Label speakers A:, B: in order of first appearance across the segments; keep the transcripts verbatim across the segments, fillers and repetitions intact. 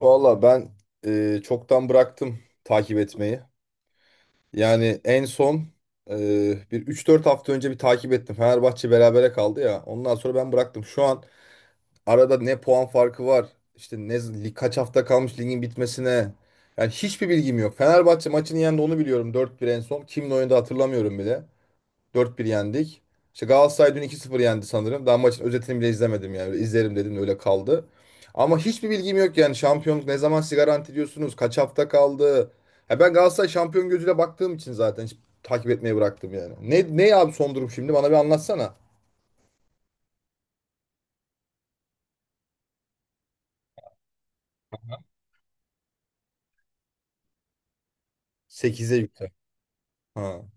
A: Valla ben e, çoktan bıraktım takip etmeyi. Yani en son e, bir üç dört hafta önce bir takip ettim. Fenerbahçe berabere kaldı ya. Ondan sonra ben bıraktım. Şu an arada ne puan farkı var? İşte ne lig- kaç hafta kalmış ligin bitmesine? Yani hiçbir bilgim yok. Fenerbahçe maçını yendi, onu biliyorum, dört bir en son. Kimle oynadı hatırlamıyorum bile. dört bir yendik. İşte Galatasaray dün iki sıfır yendi sanırım. Daha maçın özetini bile izlemedim yani. Öyle izlerim dedim de öyle kaldı. Ama hiçbir bilgim yok yani. Şampiyonluk ne zaman siz garanti ediyorsunuz? Kaç hafta kaldı? Ya ben Galatasaray şampiyon gözüyle baktığım için zaten hiç takip etmeyi bıraktım yani. Ne, ne abi son durum şimdi? Bana bir anlatsana. Sekize yükle. Ha.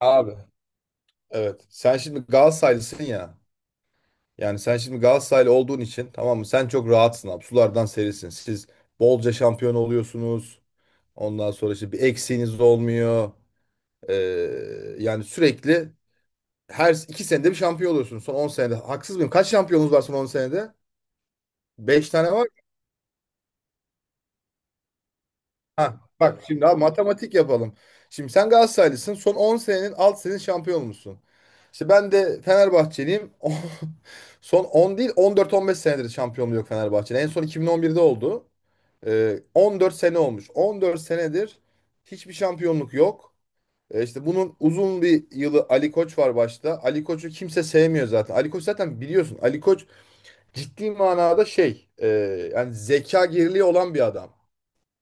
A: Abi evet. Sen şimdi Galatasaraylısın ya. Yani sen şimdi Galatasaraylı olduğun için, tamam mı, sen çok rahatsın abi. Sulardan serisin. Siz bolca şampiyon oluyorsunuz. Ondan sonra işte bir eksiğiniz olmuyor. Ee, yani sürekli her iki senede bir şampiyon oluyorsunuz. Son on senede. Haksız mıyım? Kaç şampiyonunuz var son on senede? Beş tane var. Ha, bak şimdi abi matematik yapalım. Şimdi sen Galatasaraylısın. Son on senenin alt senin şampiyon olmuşsun. İşte ben de Fenerbahçeliyim. Son on değil, on dört on beş senedir şampiyonluğu yok Fenerbahçe'nin. En son iki bin on birde oldu. Ee, on dört sene olmuş. On dört senedir hiçbir şampiyonluk yok. E işte bunun uzun bir yılı Ali Koç var başta. Ali Koç'u kimse sevmiyor zaten. Ali Koç zaten biliyorsun. Ali Koç ciddi manada şey, e, yani zeka geriliği olan bir adam.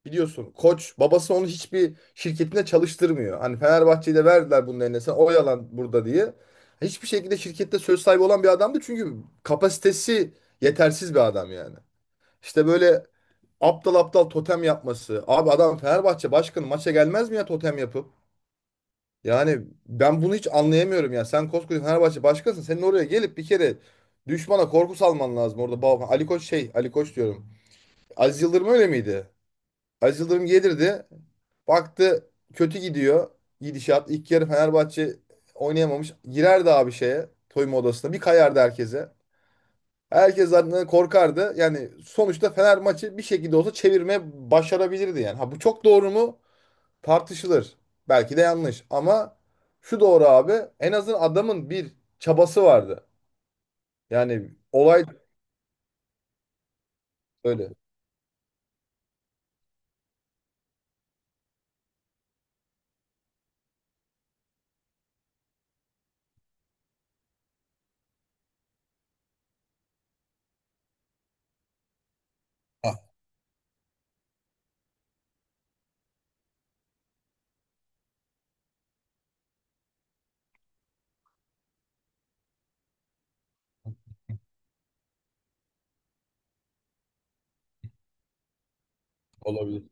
A: Biliyorsun Koç babası onu hiçbir şirketinde çalıştırmıyor. Hani Fenerbahçe'yi de verdiler bunun eline. Sen oyalan burada diye. Hiçbir şekilde şirkette söz sahibi olan bir adamdı. Çünkü kapasitesi yetersiz bir adam yani. İşte böyle aptal aptal totem yapması. Abi adam Fenerbahçe başkanı maça gelmez mi ya totem yapıp? Yani ben bunu hiç anlayamıyorum ya. Sen koskoca Fenerbahçe başkasın. Senin oraya gelip bir kere düşmana korku salman lazım orada. Ba- Ali Koç şey, Ali Koç diyorum. Aziz Yıldırım öyle miydi? Aziz Yıldırım gelirdi. Baktı kötü gidiyor gidişat. İlk yarı Fenerbahçe oynayamamış. Girerdi abi şeye, soyunma odasına. Bir kayardı herkese. Herkes zaten korkardı. Yani sonuçta Fener maçı bir şekilde olsa çevirmeye başarabilirdi yani. Ha bu çok doğru mu? Tartışılır. Belki de yanlış. Ama şu doğru abi. En azından adamın bir çabası vardı. Yani olay öyle. Ha, olabilir.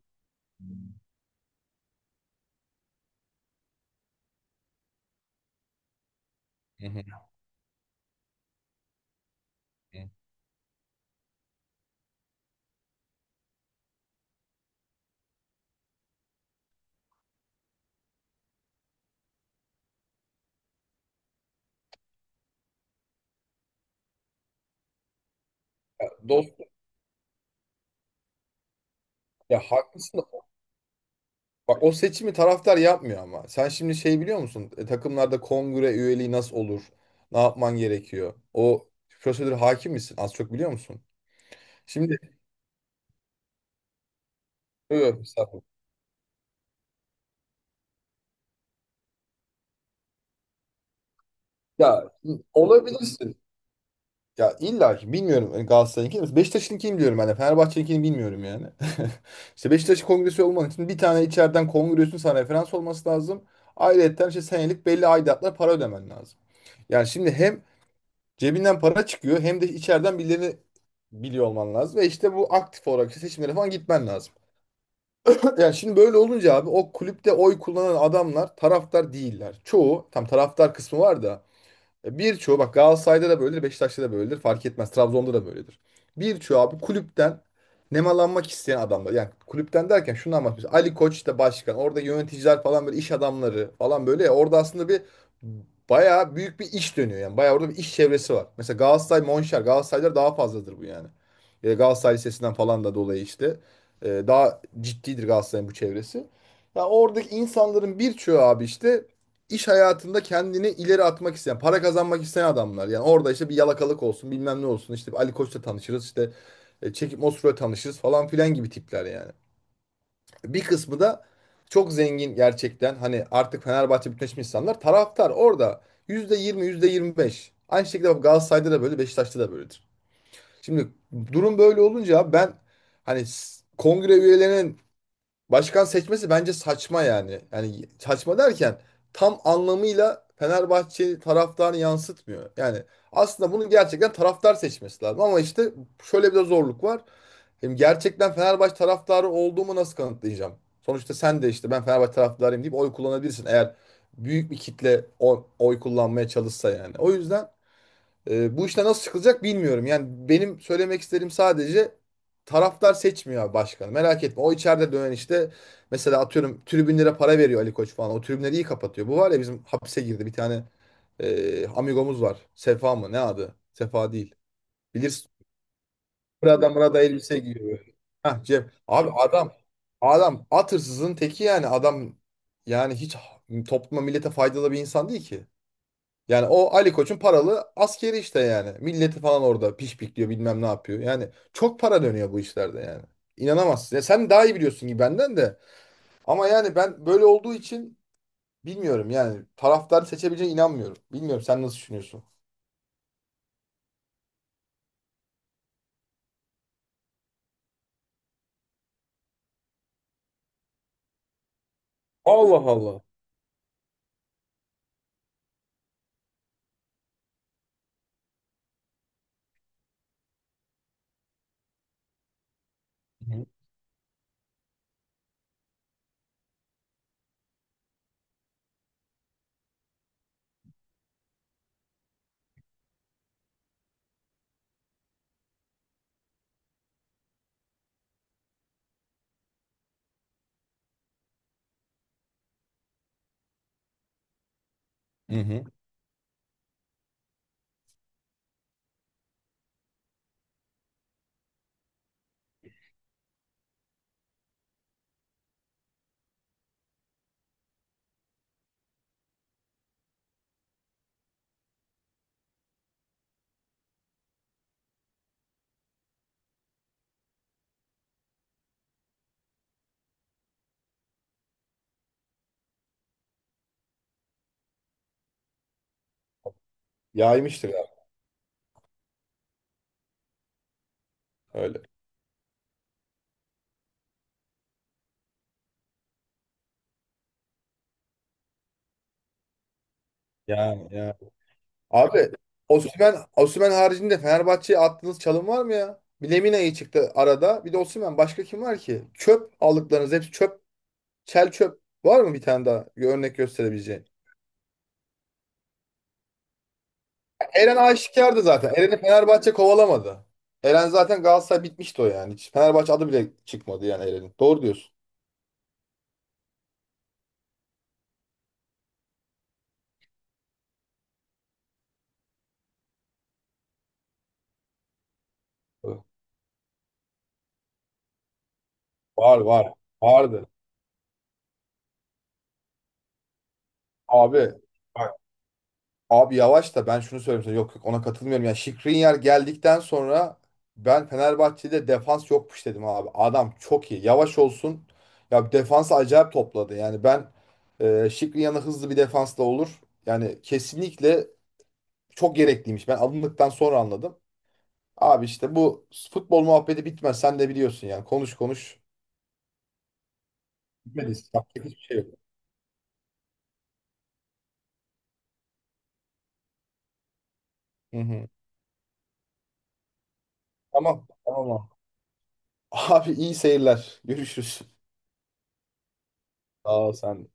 A: Hı hı hı. Ya Dost, ya haklısın. da- Bak, o seçimi taraftar yapmıyor ama. Sen şimdi şey biliyor musun? E, takımlarda kongre üyeliği nasıl olur? Ne yapman gerekiyor? O prosedür hakim misin? Az çok biliyor musun? Şimdi. Yok, estağfurullah. Ya olabilirsin. Ya illa ki bilmiyorum hani Galatasaray'ınkini, mi? Beşiktaş'ınkini biliyorum ben de. Fenerbahçe'ninkini bilmiyorum yani. İşte Beşiktaş kongresi olman için bir tane içeriden kongresin sana referans olması lazım. Ayrıca işte senelik belli aidatlar, para ödemen lazım. Yani şimdi hem cebinden para çıkıyor hem de içeriden birilerini biliyor olman lazım. Ve işte bu, aktif olarak işte seçimlere falan gitmen lazım. Yani şimdi böyle olunca abi, o kulüpte oy kullanan adamlar taraftar değiller. Çoğu, tam taraftar kısmı var da e, birçoğu, bak, Galatasaray'da da böyledir, Beşiktaş'ta da böyledir. Fark etmez. Trabzon'da da böyledir. Birçoğu abi kulüpten nemalanmak isteyen adamlar. Yani kulüpten derken şunu anlatmış. Ali Koç da başkan. Orada yöneticiler falan böyle, iş adamları falan böyle. Ya, orada aslında bir bayağı büyük bir iş dönüyor. Yani bayağı orada bir iş çevresi var. Mesela Galatasaray Monşer. Galatasaray'da daha fazladır bu yani. E, Galatasaray Lisesi'nden falan da dolayı işte. E, daha ciddidir Galatasaray'ın bu çevresi. Ya oradaki insanların birçoğu abi işte iş hayatında kendini ileri atmak isteyen, para kazanmak isteyen adamlar. Yani orada işte bir yalakalık olsun, bilmem ne olsun. İşte bir Ali Koç'la tanışırız, işte e, Çekip Mosfet'le tanışırız falan filan gibi tipler yani. Bir kısmı da çok zengin gerçekten. Hani artık Fenerbahçe bütünleşmiş insanlar, taraftar orada yüzde yüzde yirmi, yüzde yirmi beş. Aynı şekilde bak, Galatasaray'da da böyle, Beşiktaş'ta da böyledir. Şimdi durum böyle olunca ben hani s- kongre üyelerinin başkan seçmesi bence saçma yani. Yani saçma derken, tam anlamıyla Fenerbahçe taraftarını yansıtmıyor. Yani aslında bunu gerçekten taraftar seçmesi lazım. Ama işte şöyle bir de zorluk var. Hem gerçekten Fenerbahçe taraftarı olduğumu nasıl kanıtlayacağım? Sonuçta sen de işte "ben Fenerbahçe taraftarıyım" deyip oy kullanabilirsin, eğer büyük bir kitle o- oy kullanmaya çalışsa yani. O yüzden e, bu işte nasıl çıkılacak bilmiyorum. Yani benim söylemek istediğim sadece, taraftar seçmiyor abi başkanı. Merak etme. O içeride dönen işte, mesela atıyorum, tribünlere para veriyor Ali Koç falan. O tribünleri iyi kapatıyor. Bu var ya, bizim hapse girdi bir tane e, amigomuz var. Sefa mı? Ne adı? Sefa değil. Bilirsin. Burada burada elbise giyiyor böyle. Hah, Cem. Abi adam adam at hırsızın teki yani. Adam yani hiç topluma, millete faydalı bir insan değil ki. Yani o Ali Koç'un paralı askeri işte yani. Milleti falan orada pişpikliyor, bilmem ne yapıyor. Yani çok para dönüyor bu işlerde yani. İnanamazsın. Ya sen daha iyi biliyorsun gibi benden de. Ama yani ben böyle olduğu için bilmiyorum yani. Taraftar seçebileceğine inanmıyorum. Bilmiyorum, sen nasıl düşünüyorsun? Allah Allah. Hı hı. Hı. Yaymıştır abi, öyle. Yani ya. Abi Osimhen, Osimhen haricinde Fenerbahçe'ye attığınız çalım var mı ya? Bir Lemina iyi çıktı arada. Bir de Osimhen. Başka kim var ki? Çöp aldıklarınız, hepsi çöp. Çel çöp var mı bir tane daha, bir örnek gösterebileceğin? Eren aşikardı zaten. Eren'i Fenerbahçe kovalamadı. Eren zaten Galatasaray bitmişti o yani. Hiç Fenerbahçe adı bile çıkmadı yani Eren'in. Doğru diyorsun. Evet. Var var. Vardı. Abi bak, abi yavaş da, ben şunu söyleyeyim sana. Yok yok, ona katılmıyorum. Yani Skriniar geldikten sonra ben "Fenerbahçe'de defans yokmuş" dedim abi. Adam çok iyi. Yavaş olsun. Ya, defansı acayip topladı. Yani ben e, Skriniar'ın hızlı bir defansla olur. Yani kesinlikle çok gerekliymiş. Ben alındıktan sonra anladım. Abi işte bu futbol muhabbeti bitmez. Sen de biliyorsun yani. Konuş konuş. Bitmedi. Yapacak hiçbir şey yok. Hı hı. Tamam. Tamam, abi. Abi iyi seyirler. Görüşürüz. Sağ ol sen de.